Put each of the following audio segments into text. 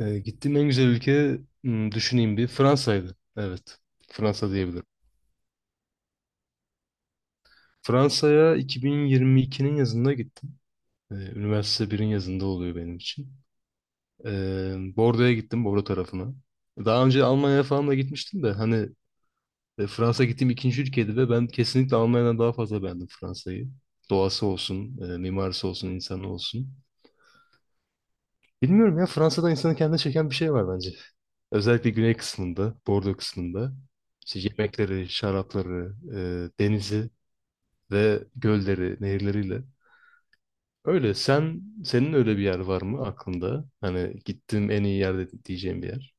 Gittiğim en güzel ülke düşüneyim bir Fransa'ydı. Evet. Fransa diyebilirim. Fransa'ya 2022'nin yazında gittim. Üniversite birin yazında oluyor benim için. Bordeaux'a gittim, Bordeaux tarafına. Daha önce Almanya'ya falan da gitmiştim de hani Fransa gittiğim ikinci ülkeydi ve ben kesinlikle Almanya'dan daha fazla beğendim Fransa'yı. Doğası olsun, mimarisi olsun, insanı olsun. Bilmiyorum ya Fransa'da insanı kendine çeken bir şey var bence. Özellikle güney kısmında, Bordeaux kısmında. İşte yemekleri, şarapları, denizi ve gölleri, nehirleriyle. Öyle. Senin öyle bir yer var mı aklında? Hani gittiğim en iyi yerde diyeceğim bir yer.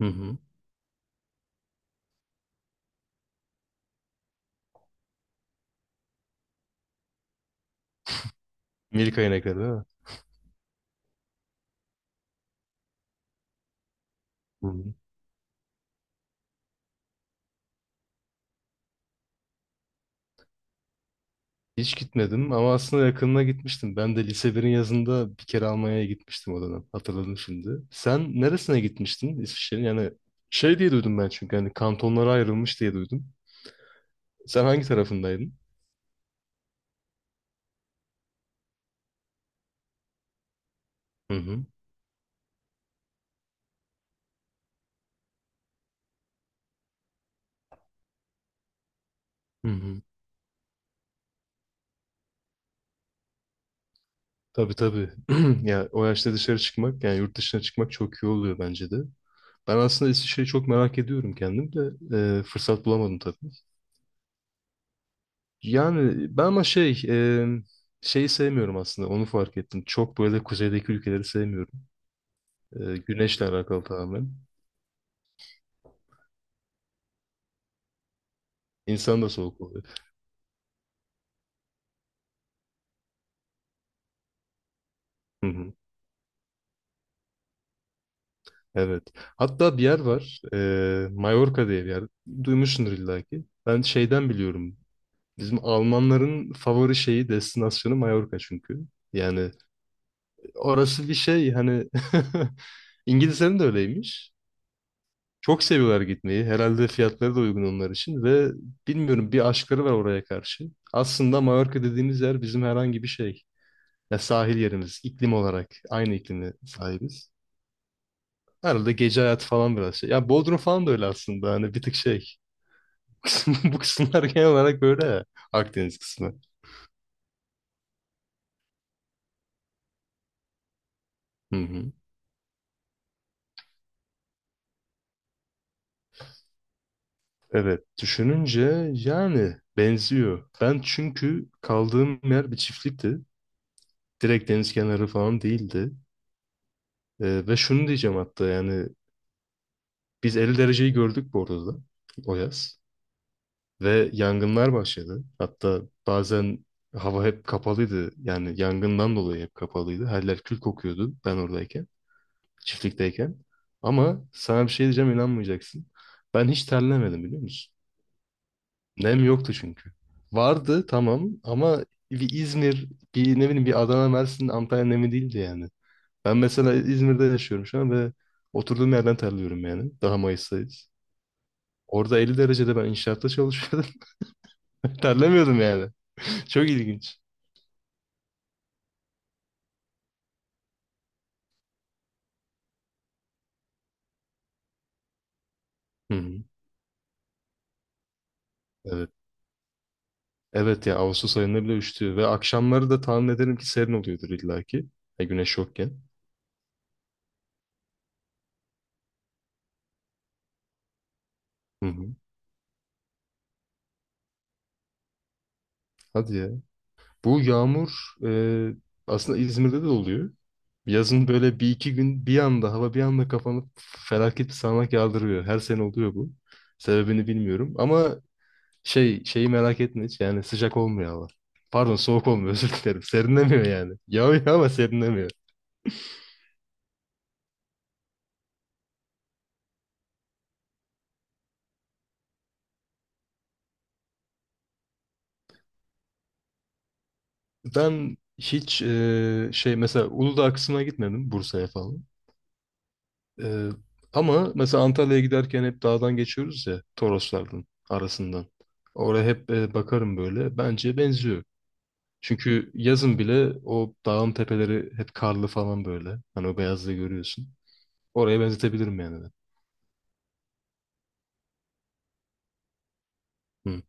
Hı hı. Milka inekleri değil mi? Hı hı. Hiç gitmedim ama aslında yakınına gitmiştim. Ben de lise birin yazında bir kere Almanya'ya gitmiştim o dönem. Hatırladım şimdi. Sen neresine gitmiştin İsviçre'nin? Yani şey diye duydum ben çünkü hani kantonlara ayrılmış diye duydum. Sen hangi tarafındaydın? Hı hı. Hı hı. Tabii tabii. Ya o yaşta dışarı çıkmak yani yurt dışına çıkmak çok iyi oluyor bence de. Ben aslında İsviçre'yi çok merak ediyorum kendim de fırsat bulamadım tabii. Yani ben ama şeyi sevmiyorum aslında onu fark ettim. Çok böyle kuzeydeki ülkeleri sevmiyorum. Güneşle alakalı tamamen. İnsan da soğuk oluyor. Hı hı. Evet. Hatta bir yer var. E, Mallorca diye bir yer. Duymuşsundur illa ki. Ben şeyden biliyorum. Bizim Almanların favori şeyi, destinasyonu Mallorca çünkü. Yani orası bir şey hani İngilizlerin de öyleymiş. Çok seviyorlar gitmeyi. Herhalde fiyatları da uygun onlar için ve bilmiyorum bir aşkları var oraya karşı. Aslında Mallorca dediğimiz yer bizim herhangi bir şey. Ya sahil yerimiz, iklim olarak aynı iklimi sahibiz. Herhalde gece hayatı falan biraz şey. Ya Bodrum falan da öyle aslında. Hani bir tık şey. Bu kısımlar genel olarak böyle ya. Akdeniz kısmı. Hı hı. Evet. Düşününce yani benziyor. Ben çünkü kaldığım yer bir çiftlikti. Direkt deniz kenarı falan değildi. Ve şunu diyeceğim hatta yani biz 50 dereceyi gördük bu arada da, o yaz. Ve yangınlar başladı. Hatta bazen hava hep kapalıydı. Yani yangından dolayı hep kapalıydı. Her yer kül kokuyordu ben oradayken. Çiftlikteyken. Ama sana bir şey diyeceğim inanmayacaksın. Ben hiç terlemedim biliyor musun? Nem yoktu çünkü. Vardı tamam ama bir İzmir, bir ne bileyim bir Adana, Mersin, Antalya nemi değildi yani. Ben mesela İzmir'de yaşıyorum şu an ve oturduğum yerden terliyorum yani. Daha Mayıs'tayız. Orada 50 derecede ben inşaatta çalışıyordum. Terlemiyordum yani. Çok ilginç. Hı hı. Evet. Evet ya Ağustos ayında bile üşütüyor ve akşamları da tahmin ederim ki serin oluyordur illaki. Ya güneş yokken. Hı hı. Hadi ya. Bu yağmur e, aslında İzmir'de de oluyor. Yazın böyle bir iki gün bir anda hava bir anda kapanıp felaket bir sağanak yağdırıyor. Her sene oluyor bu. Sebebini bilmiyorum ama şeyi merak etme hiç yani sıcak olmuyor hava. Pardon soğuk olmuyor özür dilerim. Serinlemiyor yani. Yağıyor ama serinlemiyor. Ben hiç şey mesela Uludağ kısmına gitmedim Bursa'ya falan. Ee, ama mesela Antalya'ya giderken hep dağdan geçiyoruz ya Toroslardan arasından. Oraya hep bakarım böyle. Bence benziyor. Çünkü yazın bile o dağın tepeleri hep karlı falan böyle. Hani o beyazlığı görüyorsun. Oraya benzetebilirim yani. Ben. Hı.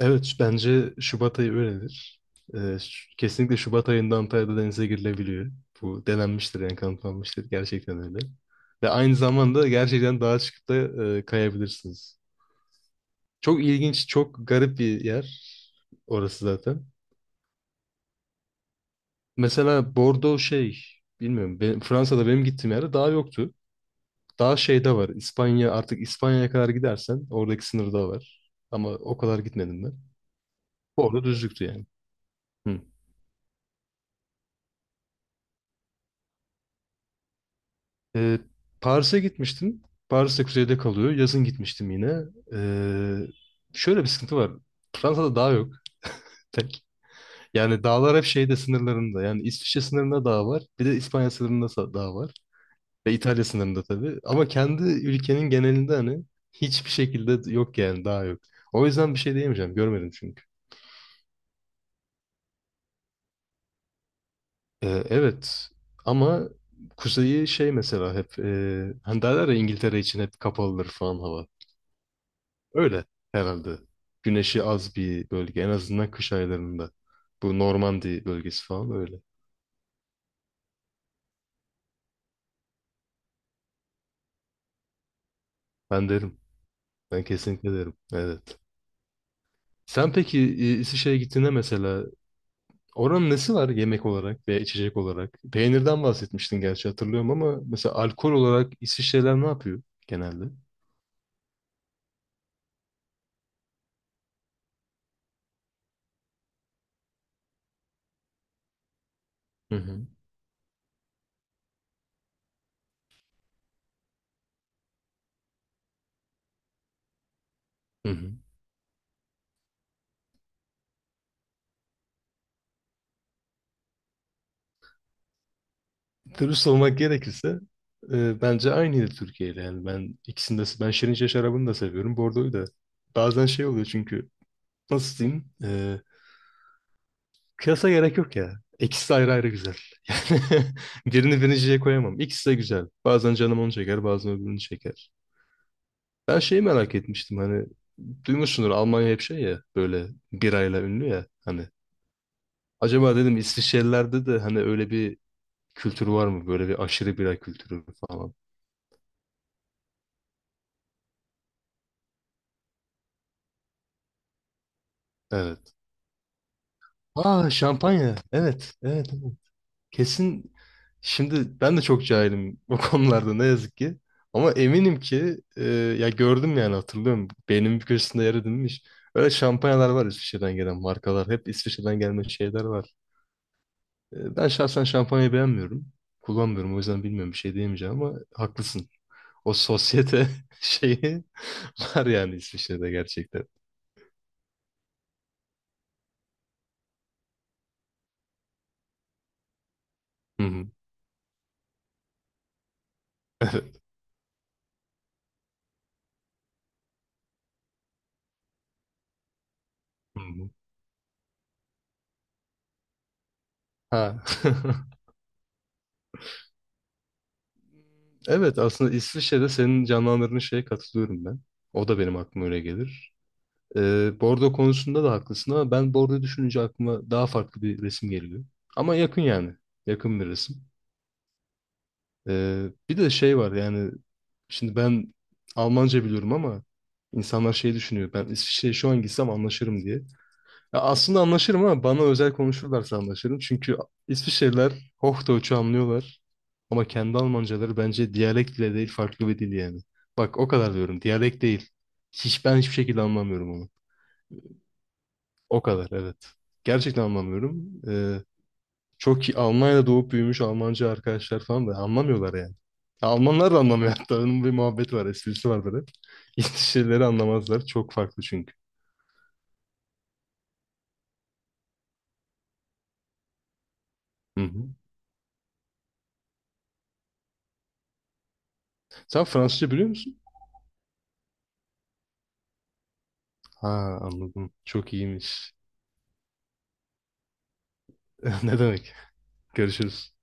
Evet bence Şubat ayı öyledir. Kesinlikle Şubat ayında Antalya'da denize girilebiliyor. Bu denenmiştir yani kanıtlanmıştır. Gerçekten öyle. Ve aynı zamanda gerçekten dağa çıkıp da kayabilirsiniz. Çok ilginç, çok garip bir yer orası zaten. Mesela bilmiyorum. Fransa'da benim gittiğim yerde dağ yoktu. Daha şeyde var. İspanya'ya kadar gidersen oradaki sınırda var. Ama o kadar gitmedim ben. Orada düzlüktü yani. Hı. Ee, Paris'e gitmiştim. Paris'te kuzeyde kalıyor. Yazın gitmiştim yine. Ee, şöyle bir sıkıntı var. Fransa'da dağ yok. Tek. Yani dağlar hep şeyde sınırlarında. Yani İsviçre sınırında dağ var. Bir de İspanya sınırında dağ var. Ve İtalya sınırında tabii. Ama kendi ülkenin genelinde hani hiçbir şekilde yok yani daha yok. O yüzden bir şey diyemeyeceğim. Görmedim çünkü. Evet ama kuzeyi şey mesela hep hani derler ya İngiltere için hep kapalıdır falan hava. Öyle herhalde. Güneşi az bir bölge en azından kış aylarında. Bu Normandiya bölgesi falan öyle. Ben derim. Ben kesinlikle derim. Evet. Sen peki İsviçre'ye gittiğinde mesela oranın nesi var yemek olarak veya içecek olarak? Peynirden bahsetmiştin gerçi hatırlıyorum ama mesela alkol olarak İsviçreler ne yapıyor genelde? Hı hı. Hı hı. Dürüst olmak gerekirse bence aynıydı Türkiye ile. Yani ben ikisini de Şirince şarabını da seviyorum. Bordo'yu da. Bazen şey oluyor çünkü nasıl diyeyim? Kıyasa gerek yok ya. İkisi de ayrı ayrı güzel. Yani birini birinciye koyamam. İkisi de güzel. Bazen canım onu çeker, bazen öbürünü çeker. Ben şeyi merak etmiştim hani duymuşsundur Almanya hep şey ya böyle birayla ünlü ya hani. Acaba dedim İsviçrelilerde de hani öyle bir kültür var mı? Böyle bir aşırı bira kültürü falan. Evet. Aa şampanya. Evet. Evet. evet. Kesin şimdi ben de çok cahilim bu konularda ne yazık ki. Ama eminim ki ya gördüm yani hatırlıyorum. Beynimin bir köşesinde yer edinmiş. Öyle şampanyalar var İsviçre'den gelen markalar. Hep İsviçre'den gelme şeyler var. Ben şahsen şampanyayı beğenmiyorum. Kullanmıyorum o yüzden bilmiyorum bir şey diyemeyeceğim ama haklısın. O sosyete şeyi var yani İsviçre'de gerçekten. Hı hı. Evet. Hı hı. Ha. Evet aslında İsviçre'de senin canlandırdığın şeye katılıyorum ben. O da benim aklıma öyle gelir. Bordo konusunda da haklısın ama ben Bordo düşününce aklıma daha farklı bir resim geliyor. Ama yakın yani. Yakın bir resim. Bir de şey var yani şimdi ben Almanca biliyorum ama insanlar şey düşünüyor. Ben İsviçre'ye şu an gitsem anlaşırım diye. Ya aslında anlaşırım ama bana özel konuşurlarsa anlaşırım. Çünkü İsviçreliler Hochdeutsch'u anlıyorlar. Ama kendi Almancaları bence diyalekt bile değil farklı bir dil yani. Bak o kadar diyorum diyalekt değil. Hiçbir şekilde anlamıyorum onu. O kadar evet. Gerçekten anlamıyorum. Çok iyi. Almanya'da doğup büyümüş Almancı arkadaşlar falan da anlamıyorlar yani. Almanlar da anlamıyor hatta. Onun bir muhabbet var, esprisi var böyle. İngilizce şeyleri anlamazlar. Çok farklı çünkü. Hı hı. Sen Fransızca biliyor musun? Ha anladım. Çok iyiymiş. Ne demek? Görüşürüz.